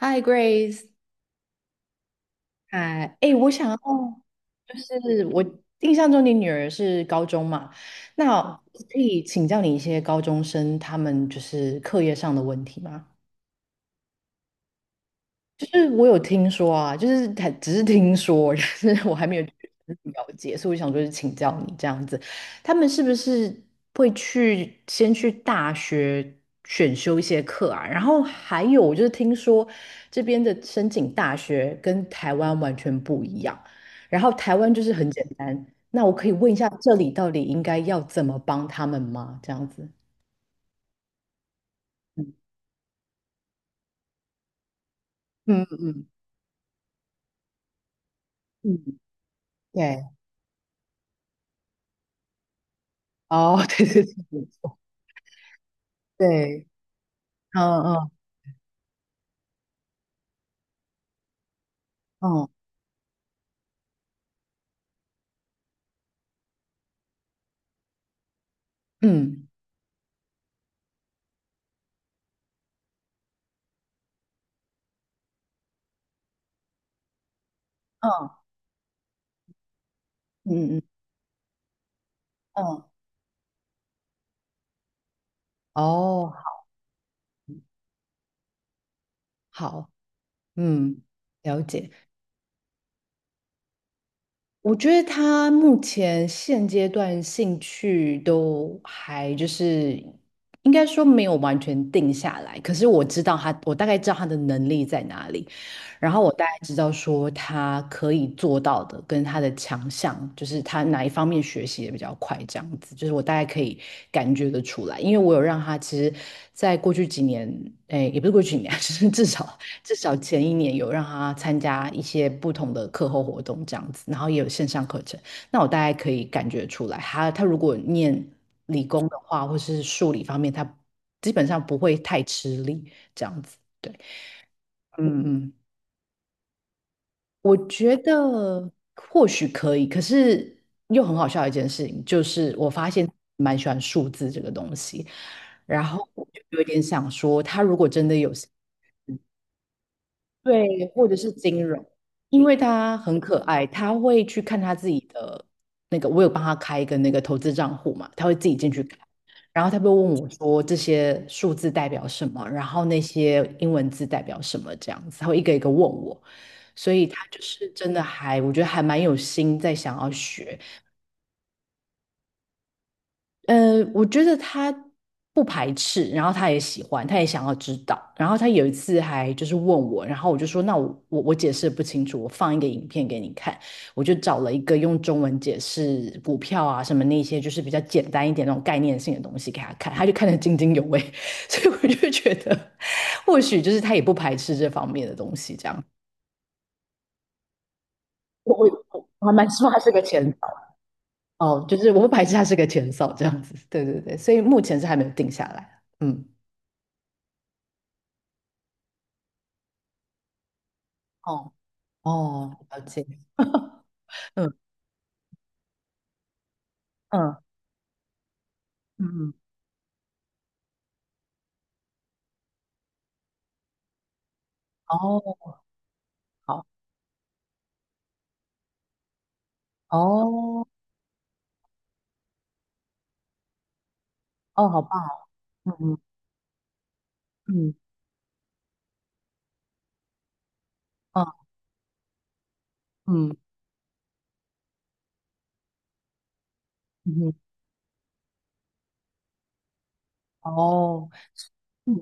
Hi Grace，哎，哎，我想要，就是我印象中你女儿是高中嘛，那可以请教你一些高中生他们就是课业上的问题吗？就是我有听说啊，就是他只是听说，就是我还没有去了解，所以我想说是请教你这样子，他们是不是会去先去大学选修一些课啊？然后还有我就是听说这边的申请大学跟台湾完全不一样，然后台湾就是很简单，那我可以问一下这里到底应该要怎么帮他们吗？这样子，嗯嗯嗯嗯，对，哦，对对对，没错对，嗯嗯。哦，嗯嗯嗯嗯嗯，哦，好，嗯，了解。我觉得他目前现阶段兴趣都还就是应该说没有完全定下来，可是我知道他，我大概知道他的能力在哪里，然后我大概知道说他可以做到的跟他的强项，就是他哪一方面学习的比较快，这样子，就是我大概可以感觉得出来，因为我有让他其实在过去几年，哎，也不是过去几年，就是至少。至少前一年有让他参加一些不同的课后活动这样子，然后也有线上课程。那我大概可以感觉出来，他如果念理工的话，或是数理方面，他基本上不会太吃力这样子。对，嗯嗯，我觉得或许可以，可是又很好笑的一件事情，就是我发现蛮喜欢数字这个东西，然后我就有点想说，他如果真的有兴对，或者是金融，因为他很可爱，他会去看他自己的那个，我有帮他开一个那个投资账户嘛，他会自己进去看，然后他会问我说这些数字代表什么，然后那些英文字代表什么这样子，他会一个一个问我，所以他就是真的还，我觉得还蛮有心在想要学，我觉得他不排斥，然后他也喜欢，他也想要知道。然后他有一次还就是问我，然后我就说，那我解释得不清楚，我放一个影片给你看。我就找了一个用中文解释股票啊什么那些，就是比较简单一点那种概念性的东西给他看，他就看得津津有味。所以我就觉得，或许就是他也不排斥这方面的东西，这样。我我还蛮希望他是个前哦，就是我不排斥他是个前哨这样子，对对对，所以目前是还没有定下来，嗯。哦哦，了解，嗯嗯嗯嗯，哦好，哦哦，好棒哦，嗯嗯嗯嗯嗯嗯，哦，嗯，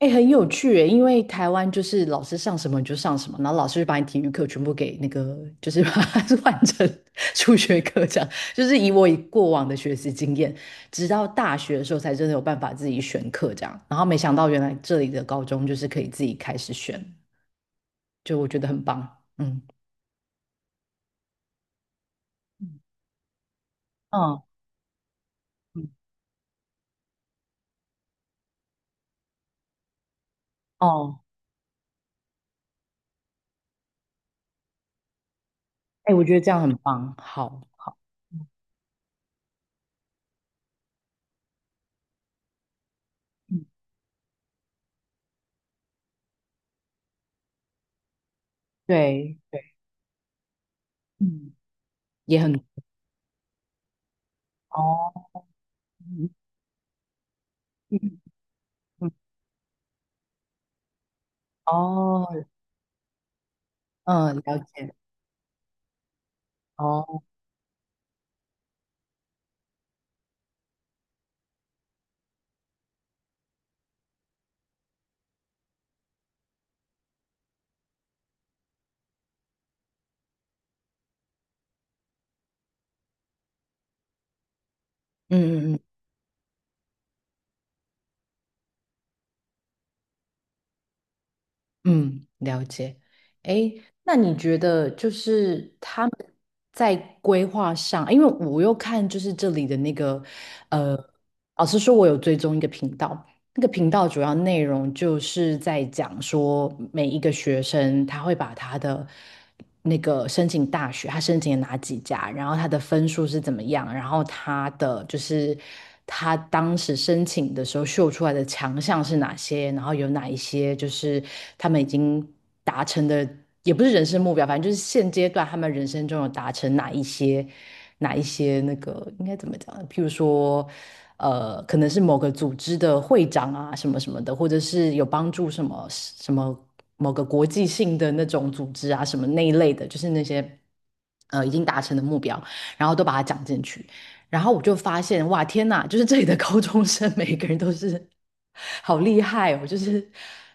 哎，很有趣诶，因为台湾就是老师上什么你就上什么，然后老师就把你体育课全部给那个，就是把它 换成数学课这样，就是以我以过往的学习经验，直到大学的时候才真的有办法自己选课这样，然后没想到原来这里的高中就是可以自己开始选，就我觉得很棒，嗯。嗯嗯哦，哎，我觉得这样很棒，好，嗯，对对，嗯，也很哦，嗯嗯嗯，哦，嗯，了解，哦，嗯嗯嗯嗯，了解。哎，那你觉得就是他们在规划上，因为我又看就是这里的那个，呃，老实说，我有追踪一个频道，那个频道主要内容就是在讲说，每一个学生他会把他的那个申请大学，他申请了哪几家，然后他的分数是怎么样，然后他的就是他当时申请的时候秀出来的强项是哪些，然后有哪一些就是他们已经。达成的，也不是人生目标，反正就是现阶段他们人生中有达成哪一些哪一些那个应该怎么讲呢？譬如说，可能是某个组织的会长啊，什么什么的，或者是有帮助什么什么某个国际性的那种组织啊，什么那一类的，就是那些已经达成的目标，然后都把它讲进去。然后我就发现，哇，天呐，就是这里的高中生每个人都是好厉害哦，就是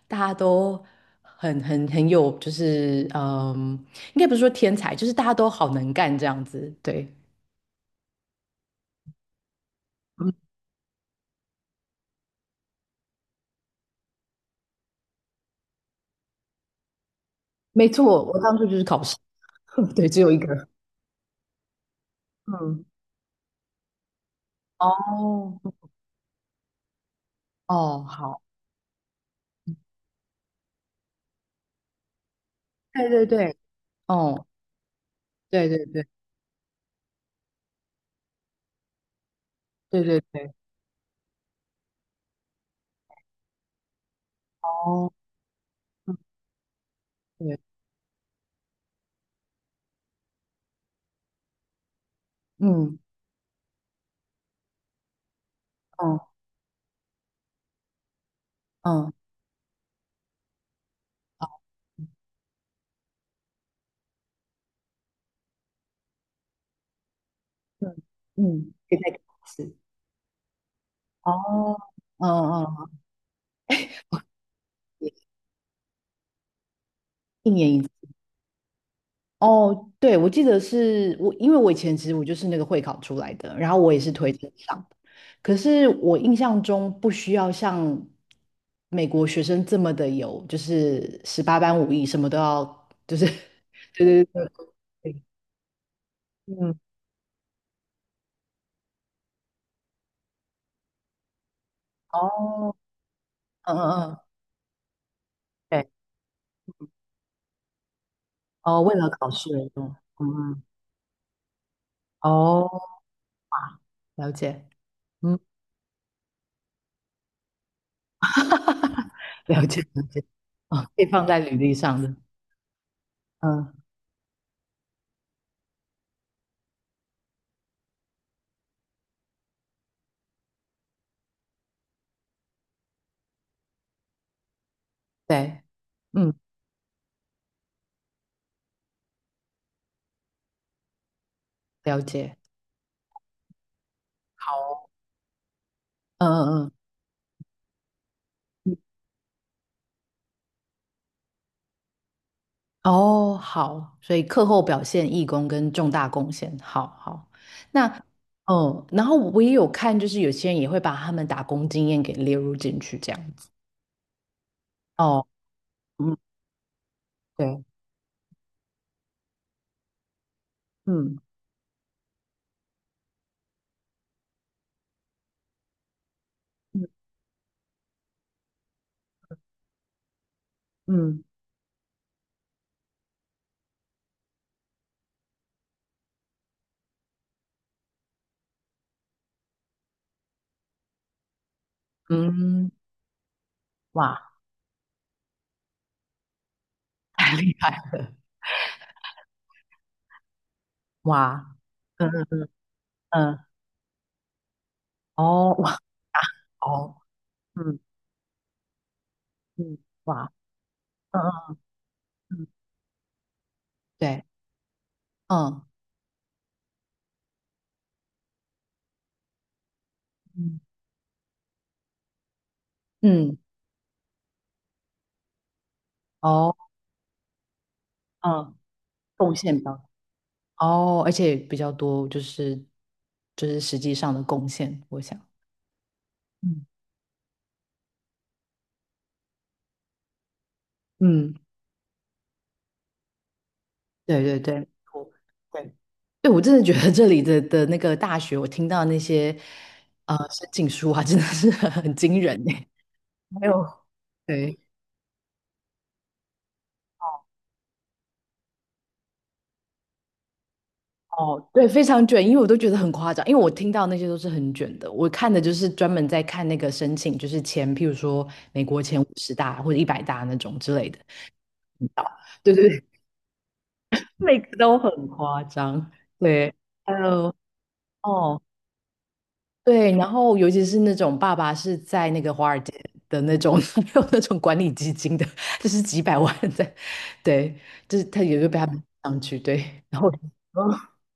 大家都很有，就是嗯，应该不是说天才，就是大家都好能干这样子。对，嗯，没错，我当初就是考试，对，只有一个。嗯，哦，哦，好，对对对，哦，对对对对对对，哦，嗯，对，嗯，嗯嗯，好，嗯嗯，可以再考一次。哦，嗯嗯，也一年一次。哦，对，我记得是我，因为我以前其实我就是那个会考出来的，然后我也是推荐上的，可是我印象中不需要像美国学生这么的有，就是十八般武艺，什么都要，就是 对对对对，对嗯，哦，嗯嗯嗯，对，哦，为了考试而用，嗯嗯，哦，了解，嗯，了解了解，哦，可以放在履历上的，嗯，对。嗯。了解。好哦，嗯嗯嗯，哦，好，所以课后表现、义工跟重大贡献，好好。那，嗯，然后我也有看，就是有些人也会把他们打工经验给列入进去，这样子。哦，嗯，对，嗯嗯嗯嗯，哇，太厉害了，哇，嗯嗯嗯，哦，哇，哦，嗯嗯，哇，嗯嗯嗯，对，嗯嗯嗯，哦，嗯，贡献到。哦，而且比较多，就是就是实际上的贡献，我想，嗯嗯，对对对，我对对，我真的觉得这里的那个大学，我听到那些申请书啊，真的是很很惊人呢 还有对哦，对，非常卷，因为我都觉得很夸张，因为我听到那些都是很卷的，我看的就是专门在看那个申请，就是前，譬如说美国前50大或者100大那种之类的，对对对 每个都很夸张，对。还有哦，对，然后尤其是那种爸爸是在那个华尔街的那种，他没有那种管理基金的，就是几百万在，对，就是他也就被他们上去，对，然后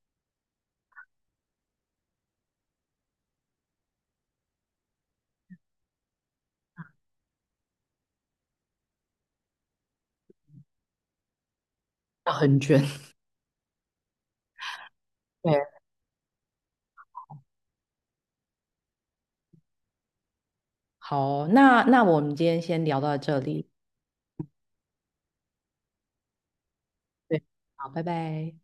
要很卷，对，好，那那我们今天先聊到这里，对，好，拜拜。